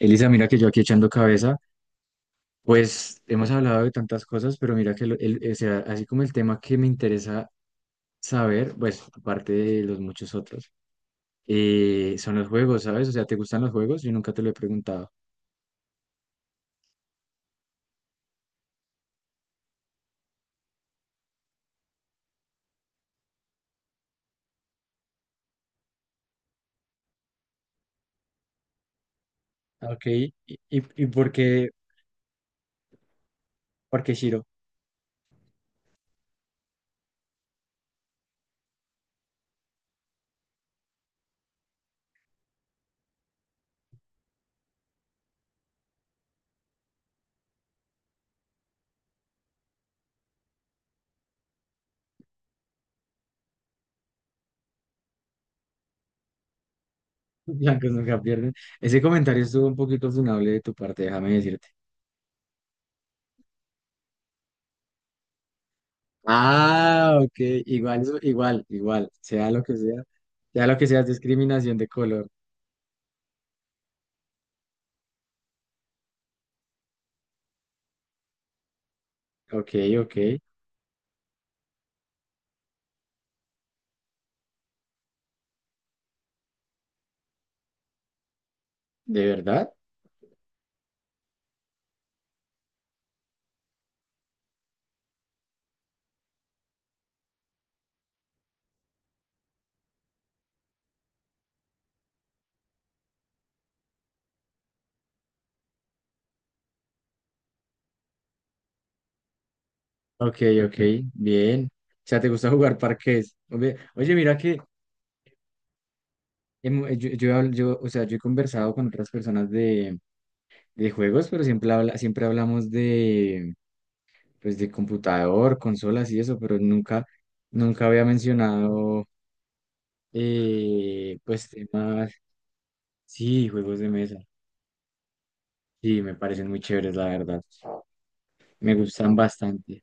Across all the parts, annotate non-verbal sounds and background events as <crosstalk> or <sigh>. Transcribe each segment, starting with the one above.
Elisa, mira que yo aquí echando cabeza, pues hemos hablado de tantas cosas, pero mira que así como el tema que me interesa saber, pues aparte de los muchos otros, son los juegos, ¿sabes? O sea, ¿te gustan los juegos? Yo nunca te lo he preguntado. Ok, ¿y por qué Shiro? <laughs> Blancos nunca pierden. Ese comentario estuvo un poquito funable de tu parte, déjame decirte. Ah, ok, igual, igual, igual, sea lo que sea, sea lo que sea, es discriminación de color. Ok, ok, ¿de verdad? Ok, ok, bien. O sea, ¿te gusta jugar parqués? Oye, oye, mira que hemo- yo, habl- yo, o sea, yo he conversado con otras personas de juegos, pero siempre, habla, siempre hablamos de, pues, de computador, consolas y eso, pero nunca, nunca había mencionado, pues, temas, sí, juegos de mesa. Sí, me parecen muy chéveres, la verdad. Me gustan bastante.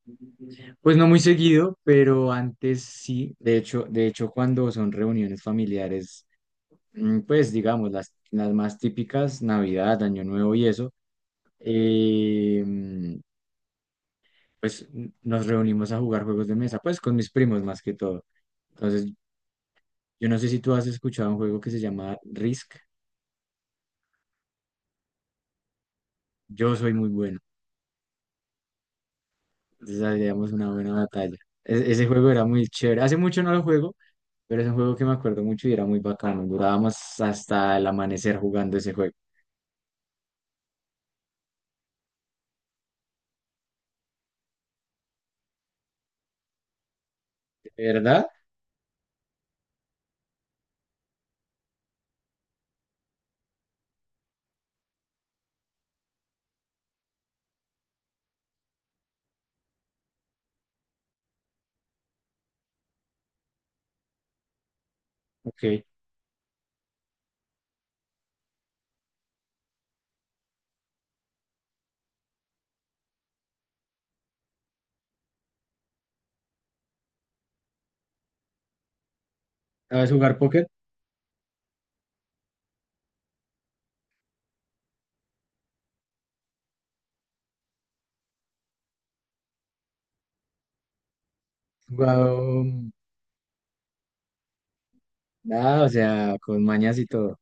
Pues no muy seguido, pero antes sí. De hecho, cuando son reuniones familiares. Mm, pues digamos, las más típicas, Navidad, Año Nuevo y eso, eh, mm, pues nos reunimos a jugar juegos de mesa, pues con mis primos más que todo. Entonces, yo no sé si tú has escuchado un juego que se llama Risk. Yo soy muy bueno, entonces hacíamos una buena batalla. Ese juego era muy chévere. Hace mucho no lo juego, pero es un juego que me acuerdo mucho y era muy bacano. Durábamos hasta el amanecer jugando ese juego. ¿Verdad? Ok. ¿Sabes jugar póker? Jugado, mm, nada, o sea, con mañas y todo.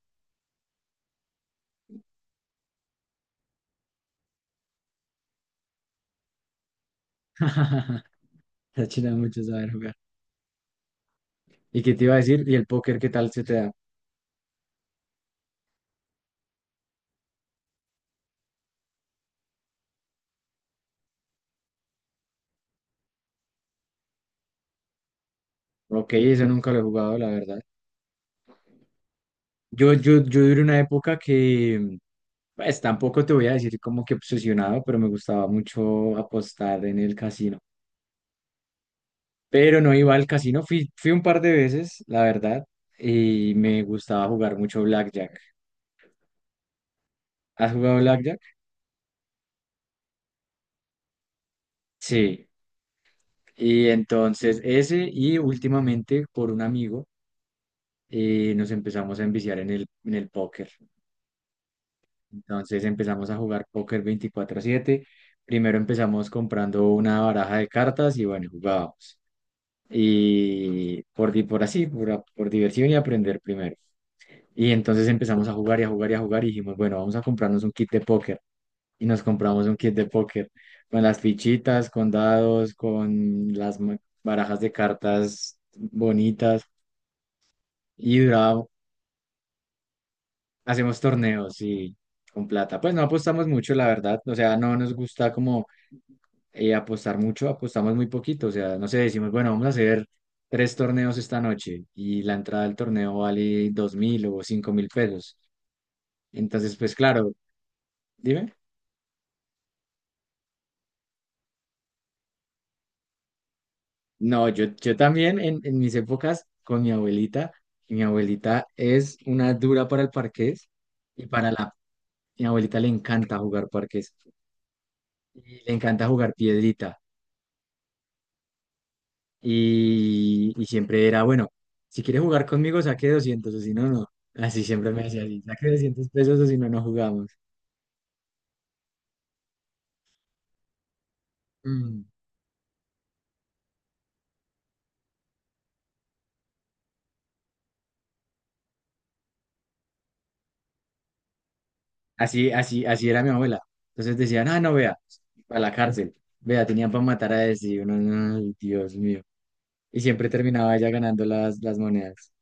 <laughs> La China es mucho saber jugar. ¿Y qué te iba a decir? ¿Y el póker qué tal se te da? Ok, eso nunca lo he jugado, la verdad. Yo duré una época que, pues tampoco te voy a decir como que obsesionado, pero me gustaba mucho apostar en el casino. Pero no iba al casino, fui, fui un par de veces, la verdad, y me gustaba jugar mucho blackjack. ¿Has jugado blackjack? Sí. Y entonces ese y últimamente por un amigo nos empezamos a enviciar en el póker. Entonces empezamos a jugar póker 24/7. Primero empezamos comprando una baraja de cartas y bueno, jugábamos. Y por, di- por así, por, a- por diversión y aprender primero. Y entonces empezamos a jugar y a jugar y a jugar y dijimos, bueno, vamos a comprarnos un kit de póker. Y nos compramos un kit de póker con las fichitas, con dados, con barajas de cartas bonitas. Y duraba, hacemos torneos y con plata. Pues no apostamos mucho, la verdad. O sea, no nos gusta como apostar mucho, apostamos muy poquito. O sea, no sé, decimos, bueno, vamos a hacer tres torneos esta noche y la entrada al torneo vale 2.000 o 5.000 pesos. Entonces, pues claro, dime. No, yo también en mis épocas con mi abuelita, y mi abuelita es una dura para el parqués y para la... Mi abuelita le encanta jugar parqués y le encanta jugar piedrita. Y siempre era, bueno, si quieres jugar conmigo, saque 200 o si no, no. Así siempre me decía así, saque 200 pesos o si no, no jugamos. Mm. Así, así, así era mi abuela. Entonces decían, ah, no, vea, a la cárcel. Vea, tenían para matar a ese. Y uno, "Ay, Dios mío". Y siempre terminaba ella ganando las monedas.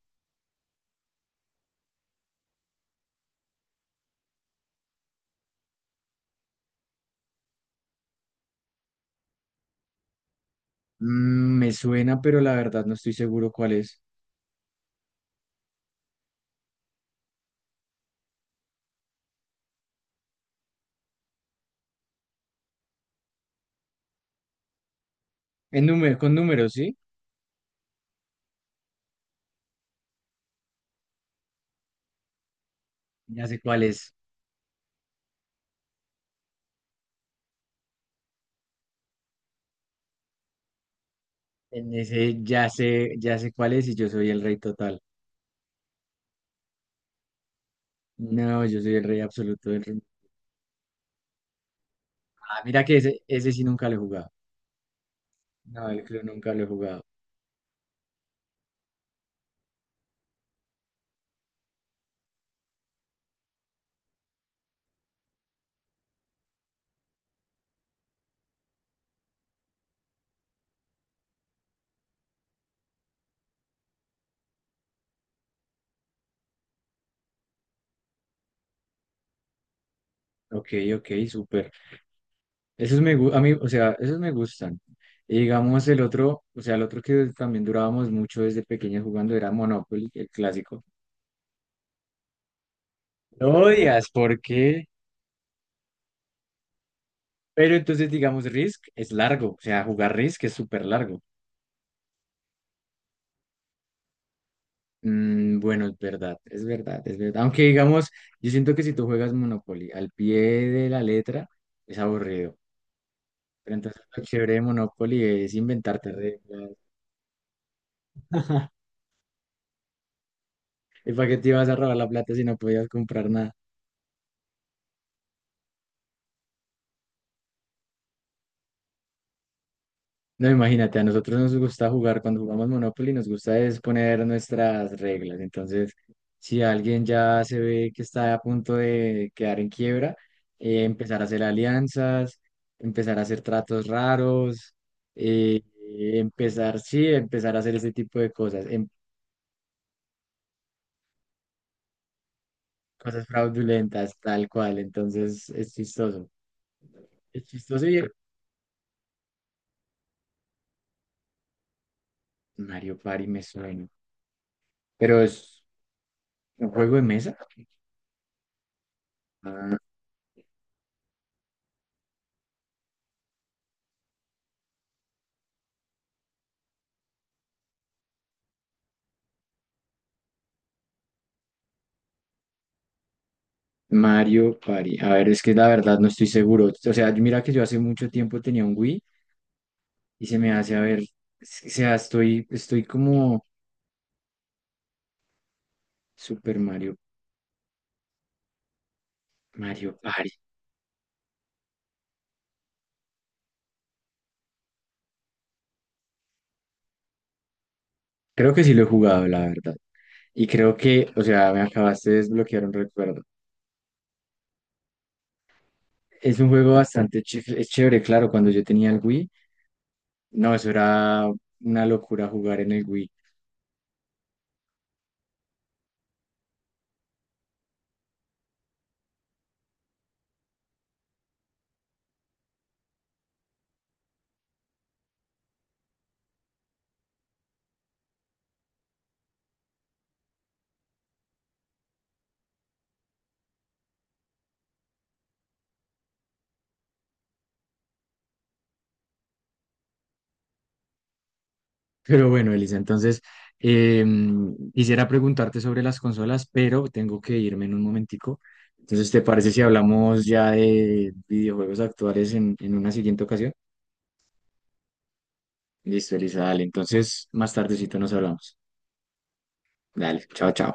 Mm, me suena, pero la verdad no estoy seguro cuál es. En número, con números, ¿sí? Ya sé cuál es. En ese ya sé cuál es y yo soy el rey total. No, yo soy el rey absoluto del Ah, mira que ese sí nunca lo he jugado. No, el club nunca lo he jugado. Ok, ok, súper. Esos me, a mí, o sea, esos me gustan. Y digamos el otro, o sea, el otro que también durábamos mucho desde pequeños jugando era Monopoly, el clásico. No odias, ¿por qué? Pero entonces, digamos, Risk es largo. O sea, jugar Risk es súper largo. Mm, bueno, es verdad, es verdad, es verdad. Aunque digamos, yo siento que si tú juegas Monopoly al pie de la letra, es aburrido. Pero entonces lo chévere de Monopoly es inventarte reglas. <laughs> ¿Y para qué te ibas a robar la plata si no podías comprar nada? No, imagínate, a nosotros nos gusta jugar, cuando jugamos Monopoly nos gusta es poner nuestras reglas. Entonces, si alguien ya se ve que está a punto de quedar en quiebra, empezar a hacer alianzas, empezar a hacer tratos raros, eh, empezar, sí, empezar a hacer ese tipo de cosas, cosas fraudulentas, tal cual. Entonces, es chistoso. Es chistoso y, Mario Party me suena. Pero es un juego de mesa. Ah, Mario Party. A ver, es que la verdad no estoy seguro. O sea, mira que yo hace mucho tiempo tenía un Wii y se me hace, a ver, es que, o sea, estoy como Super Mario, Mario Party. Creo que sí lo he jugado, la verdad. Y creo que, o sea, me acabaste de desbloquear un recuerdo. Es un juego bastante es chévere, claro, cuando yo tenía el Wii, no, eso era una locura jugar en el Wii. Pero bueno, Elisa, entonces quisiera preguntarte sobre las consolas, pero tengo que irme en un momentico. Entonces, ¿te parece si hablamos ya de videojuegos actuales en una siguiente ocasión? Listo, Elisa, dale. Entonces, más tardecito nos hablamos. Dale, chao, chao.